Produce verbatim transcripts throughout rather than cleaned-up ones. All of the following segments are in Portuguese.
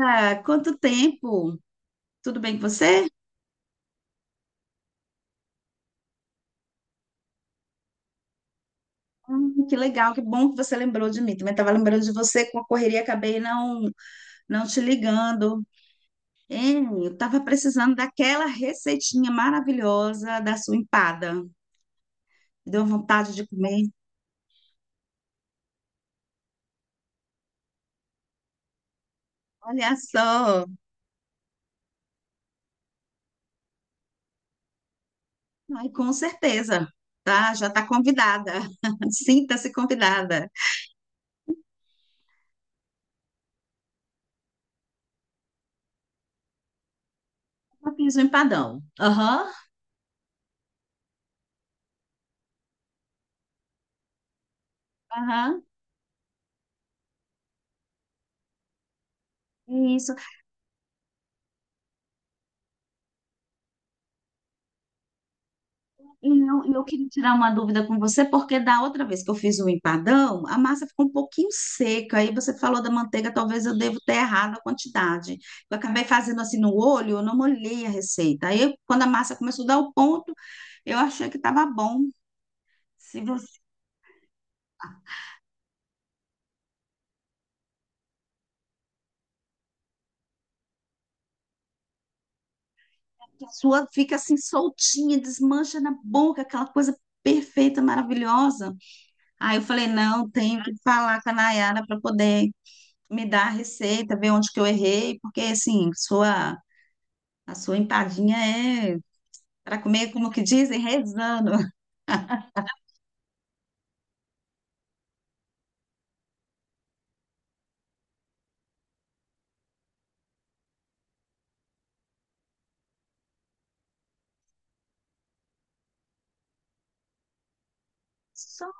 Ah, quanto tempo? Tudo bem com você? Hum, que legal, que bom que você lembrou de mim. Também estava lembrando de você com a correria, acabei não, não te ligando. Hein, eu estava precisando daquela receitinha maravilhosa da sua empada. Deu vontade de comer. Olha só. Ai, com certeza, tá? Já está convidada. Sinta-se convidada. Eu fiz um empadão. Aham, aham. Isso. E eu, eu queria tirar uma dúvida com você, porque da outra vez que eu fiz o empadão, a massa ficou um pouquinho seca. Aí você falou da manteiga, talvez eu devo ter errado a quantidade. Eu acabei fazendo assim no olho, eu não molhei a receita. Aí, quando a massa começou a dar o ponto, eu achei que estava bom. Se você, que a sua fica assim soltinha, desmancha na boca, aquela coisa perfeita, maravilhosa. Aí eu falei, não, tenho que falar com a Nayara para poder me dar a receita, ver onde que eu errei, porque assim, sua a sua empadinha é para comer, como que dizem, rezando. Só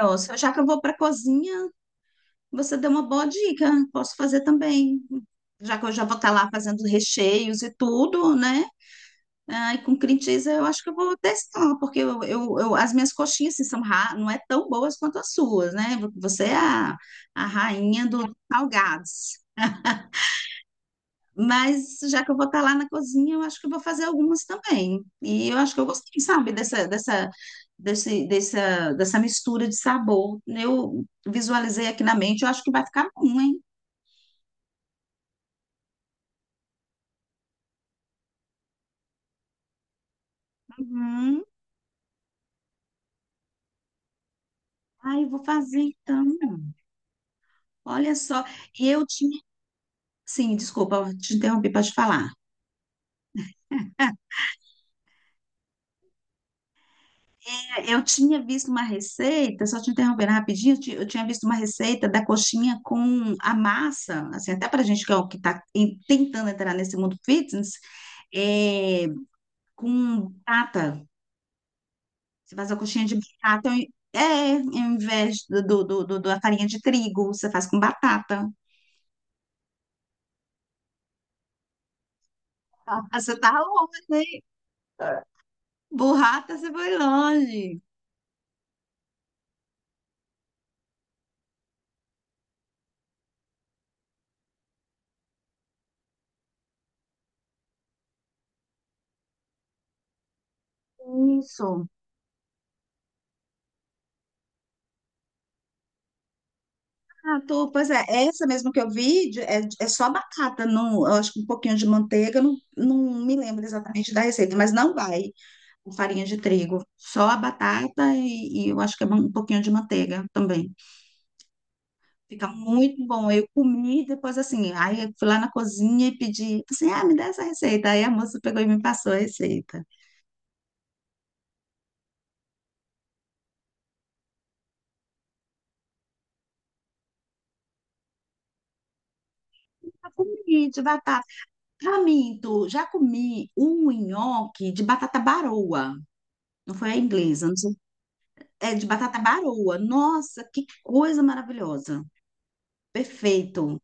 eu, só- Já que eu vou para a cozinha, você deu uma boa dica. Posso fazer também. Já que eu já vou estar lá fazendo recheios e tudo, né? Ah, e com cream cheese eu acho que eu vou testar, porque eu, eu, eu- as minhas coxinhas assim, são ra- não é tão boas quanto as suas, né? Você é a, a rainha dos salgados. Mas já que eu vou estar lá na cozinha, eu acho que eu vou fazer algumas também. E eu acho que eu gostei, sabe, dessa, dessa, desse, dessa, dessa mistura de sabor. Eu visualizei aqui na mente, eu acho que vai ficar bom, hein? Uhum. Ai, eu vou fazer então. Olha só. E eu tinha. Sim, desculpa, eu te interrompi para te falar. Eu tinha visto uma receita, só te interrompendo rapidinho, eu ti- eu tinha visto uma receita da coxinha com a massa, assim, até para gente que é o que está tentando entrar nesse mundo fitness, é, com batata. Você faz a coxinha de batata, em- é, em vez do, do, do, do- da farinha de trigo, você faz com batata. Ah, você tá longe, hein? Burrata, você foi longe. Isso. Ah, tu, pois é, essa mesmo que eu vi de- é, é só batata, não, eu acho que um pouquinho de manteiga, não, não me lembro exatamente da receita, mas não vai com farinha de trigo, só a batata e, e eu acho que é um pouquinho de manteiga também. Fica muito bom. Eu comi depois assim, aí eu fui lá na cozinha e pedi, assim, ah, me dá essa receita. Aí a moça pegou e me passou a receita. Eu comi de batata. Pra já comi um nhoque de batata baroa, não foi a inglesa, não sei é de batata baroa. Nossa, que coisa maravilhosa. Perfeito.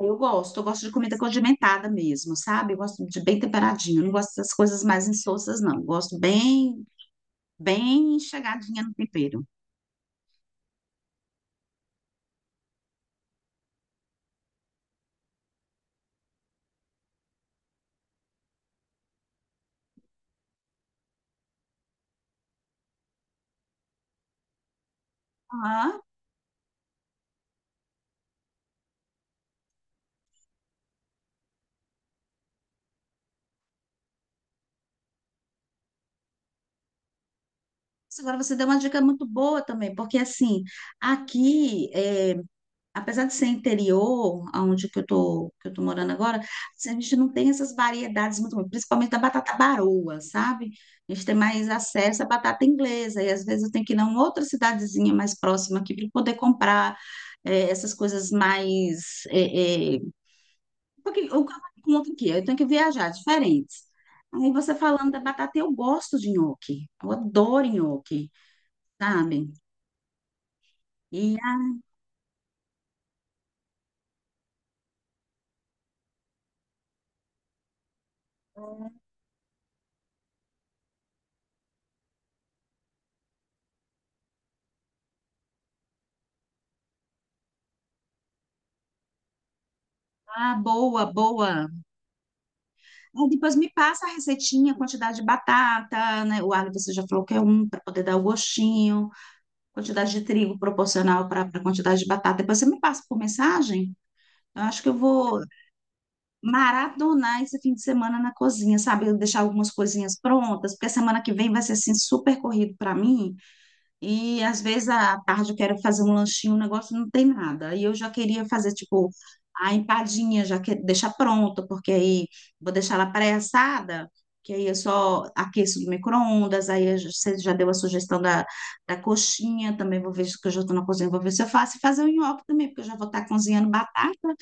Eu gosto, eu gosto de comida condimentada mesmo, sabe? Eu gosto de bem temperadinho, eu não gosto dessas coisas mais insossas, não. Eu gosto bem, bem chegadinha no tempero. Ah, agora você deu uma dica muito boa também, porque assim, aqui eh, apesar de ser interior, aonde que eu tô, que eu tô morando agora, assim, a gente não tem essas variedades muito boas, principalmente da batata baroa, sabe? A gente tem mais acesso à batata inglesa, e às vezes eu tenho que ir em outra cidadezinha mais próxima aqui para poder comprar eh, essas coisas mais. Eh, eh, porque eu conto aqui, eu tenho que viajar diferentes. Aí você falando da batata, eu gosto de nhoque, eu adoro nhoque, sabe? E ah, boa, boa. Aí depois me passa a receitinha, quantidade de batata, né? O alho você já falou que é um para poder dar o gostinho, quantidade de trigo proporcional para a quantidade de batata. Depois você me passa por mensagem. Eu acho que eu vou maratonar esse fim de semana na cozinha, sabe? Eu deixar algumas coisinhas prontas, porque a semana que vem vai ser assim super corrido para mim. E às vezes à tarde eu quero fazer um lanchinho, um negócio não tem nada. E eu já queria fazer, tipo, a empadinha, já que deixar pronta, porque aí vou deixar ela pré-assada, que aí eu só aqueço no micro-ondas. Aí eu já- você já deu a sugestão da, da coxinha, também vou ver se que eu já estou na cozinha, vou ver se eu faço. E fazer o nhoque também, porque eu já vou estar cozinhando batata,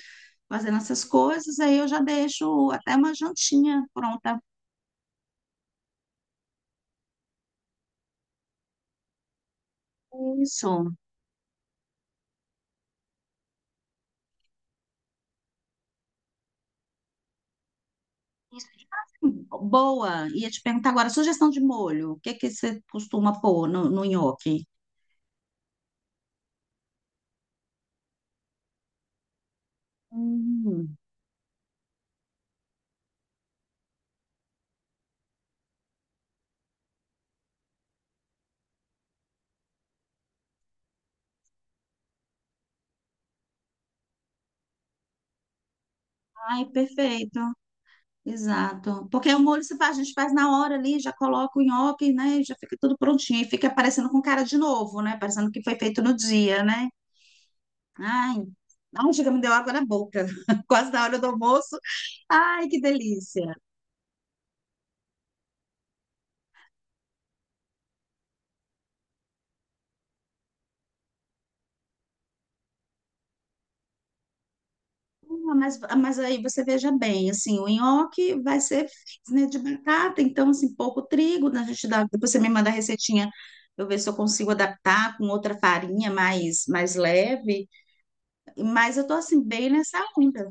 fazendo essas coisas. Aí eu já deixo até uma jantinha pronta. Com Isso. Isso, de assim, boa. Ia te perguntar agora, sugestão de molho. O que que você costuma pôr no, no nhoque? Hum. Ai, perfeito. Exato. Porque o molho se faz, a gente faz na hora ali, já coloca o nhoque, né? E já fica tudo prontinho. E fica parecendo com cara de novo, né? Parecendo que foi feito no dia, né? Ai, não, chega, me deu água na boca. Quase na hora do almoço. Ai, que delícia. Ah, Mas, ah, mas aí você veja bem, assim, o nhoque vai ser né, de batata, então, assim, pouco trigo, né, a gente dá, depois você me manda a receitinha, eu ver se eu consigo adaptar com outra farinha mais, mais leve, mas eu tô, assim, bem nessa onda,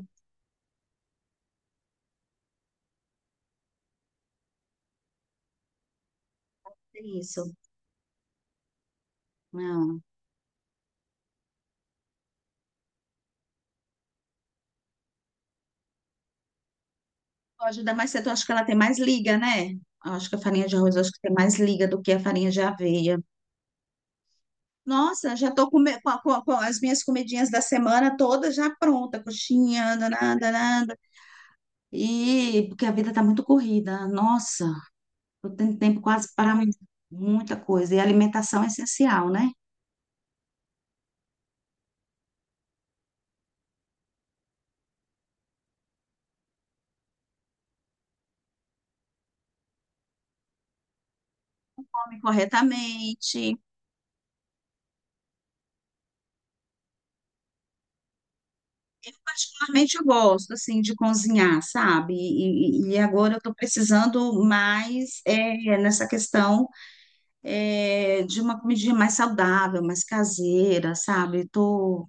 é isso. Não, pode dar mais certo, eu acho que ela tem mais liga, né? Eu acho que a farinha de arroz, eu acho que tem mais liga do que a farinha de aveia. Nossa, já tô com, com, com- com as minhas comidinhas da semana todas já pronta, coxinha, danada, danada. E porque a vida está muito corrida. Nossa, eu tenho tempo quase para mu- muita coisa. E a alimentação é essencial, né? Come corretamente. Eu particularmente eu gosto assim de cozinhar, sabe? E, e- e agora eu estou precisando mais é, nessa questão é, de uma comidinha mais saudável, mais caseira, sabe? Estou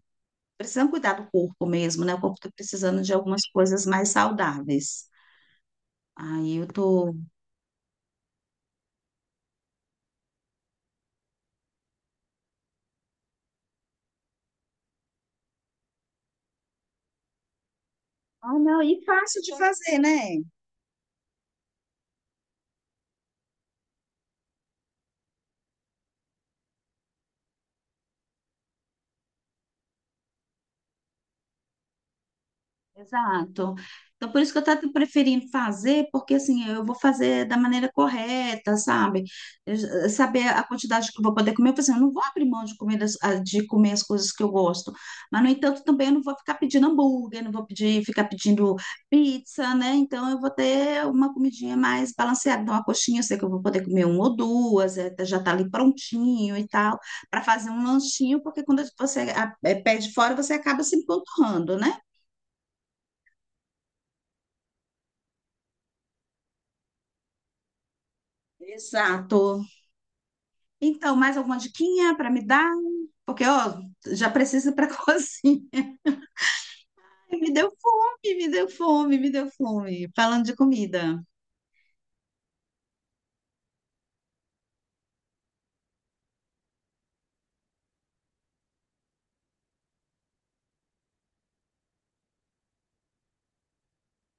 precisando cuidar do corpo mesmo, né? O corpo está precisando de algumas coisas mais saudáveis. Aí eu tô. Ah, não, e fácil de fazer, né? Exato. Então, por isso que eu estou preferindo fazer, porque assim, eu vou fazer da maneira correta, sabe? Eu- saber a quantidade que eu vou poder comer. Eu falei assim, eu não vou abrir mão de comer, as- ah, de comer as coisas que eu gosto. Mas, no entanto, também eu não vou ficar pedindo hambúrguer, não vou pedir, ficar pedindo pizza, né? Então, eu vou ter uma comidinha mais balanceada. Então, a coxinha, eu sei que eu vou poder comer uma ou duas, eh, já está ali prontinho e tal, para fazer um lanchinho, porque quando você ah, eh, pede fora, você acaba se empanturrando, né? Exato. Então, mais alguma diquinha para me dar? Porque, ó, já preciso ir para cozinha. Ai, me deu fome, me deu fome, me deu fome. Falando de comida.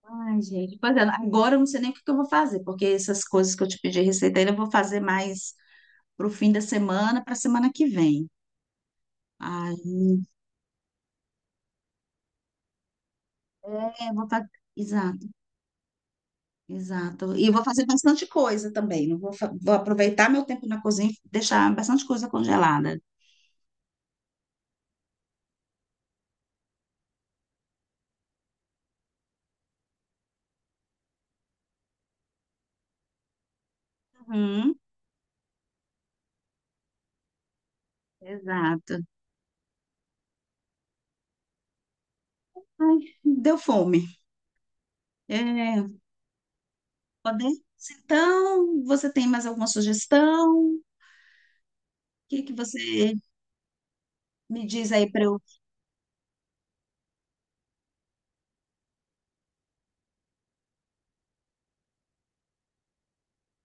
Ai, gente, pois é, agora eu não sei nem o que que eu vou fazer, porque essas coisas que eu te pedi receita ainda eu vou fazer mais pro fim da semana, para semana que vem. Aí, é, vou fazer. Exato, exato. E eu vou fazer bastante coisa também. Não vou, fa- vou aproveitar meu tempo na cozinha e deixar bastante coisa congelada. Uhum, exato. Ai, deu fome. É, podemos? Então, você tem mais alguma sugestão? O que que você me diz aí para eu.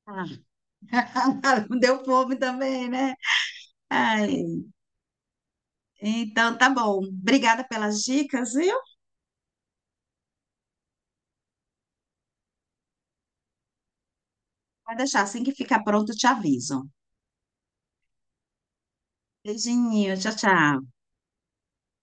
Ah, deu fome também, né? Ai, então tá bom. Obrigada pelas dicas, viu? Vai deixar, assim que ficar pronto, eu te aviso. Beijinho, tchau, tchau.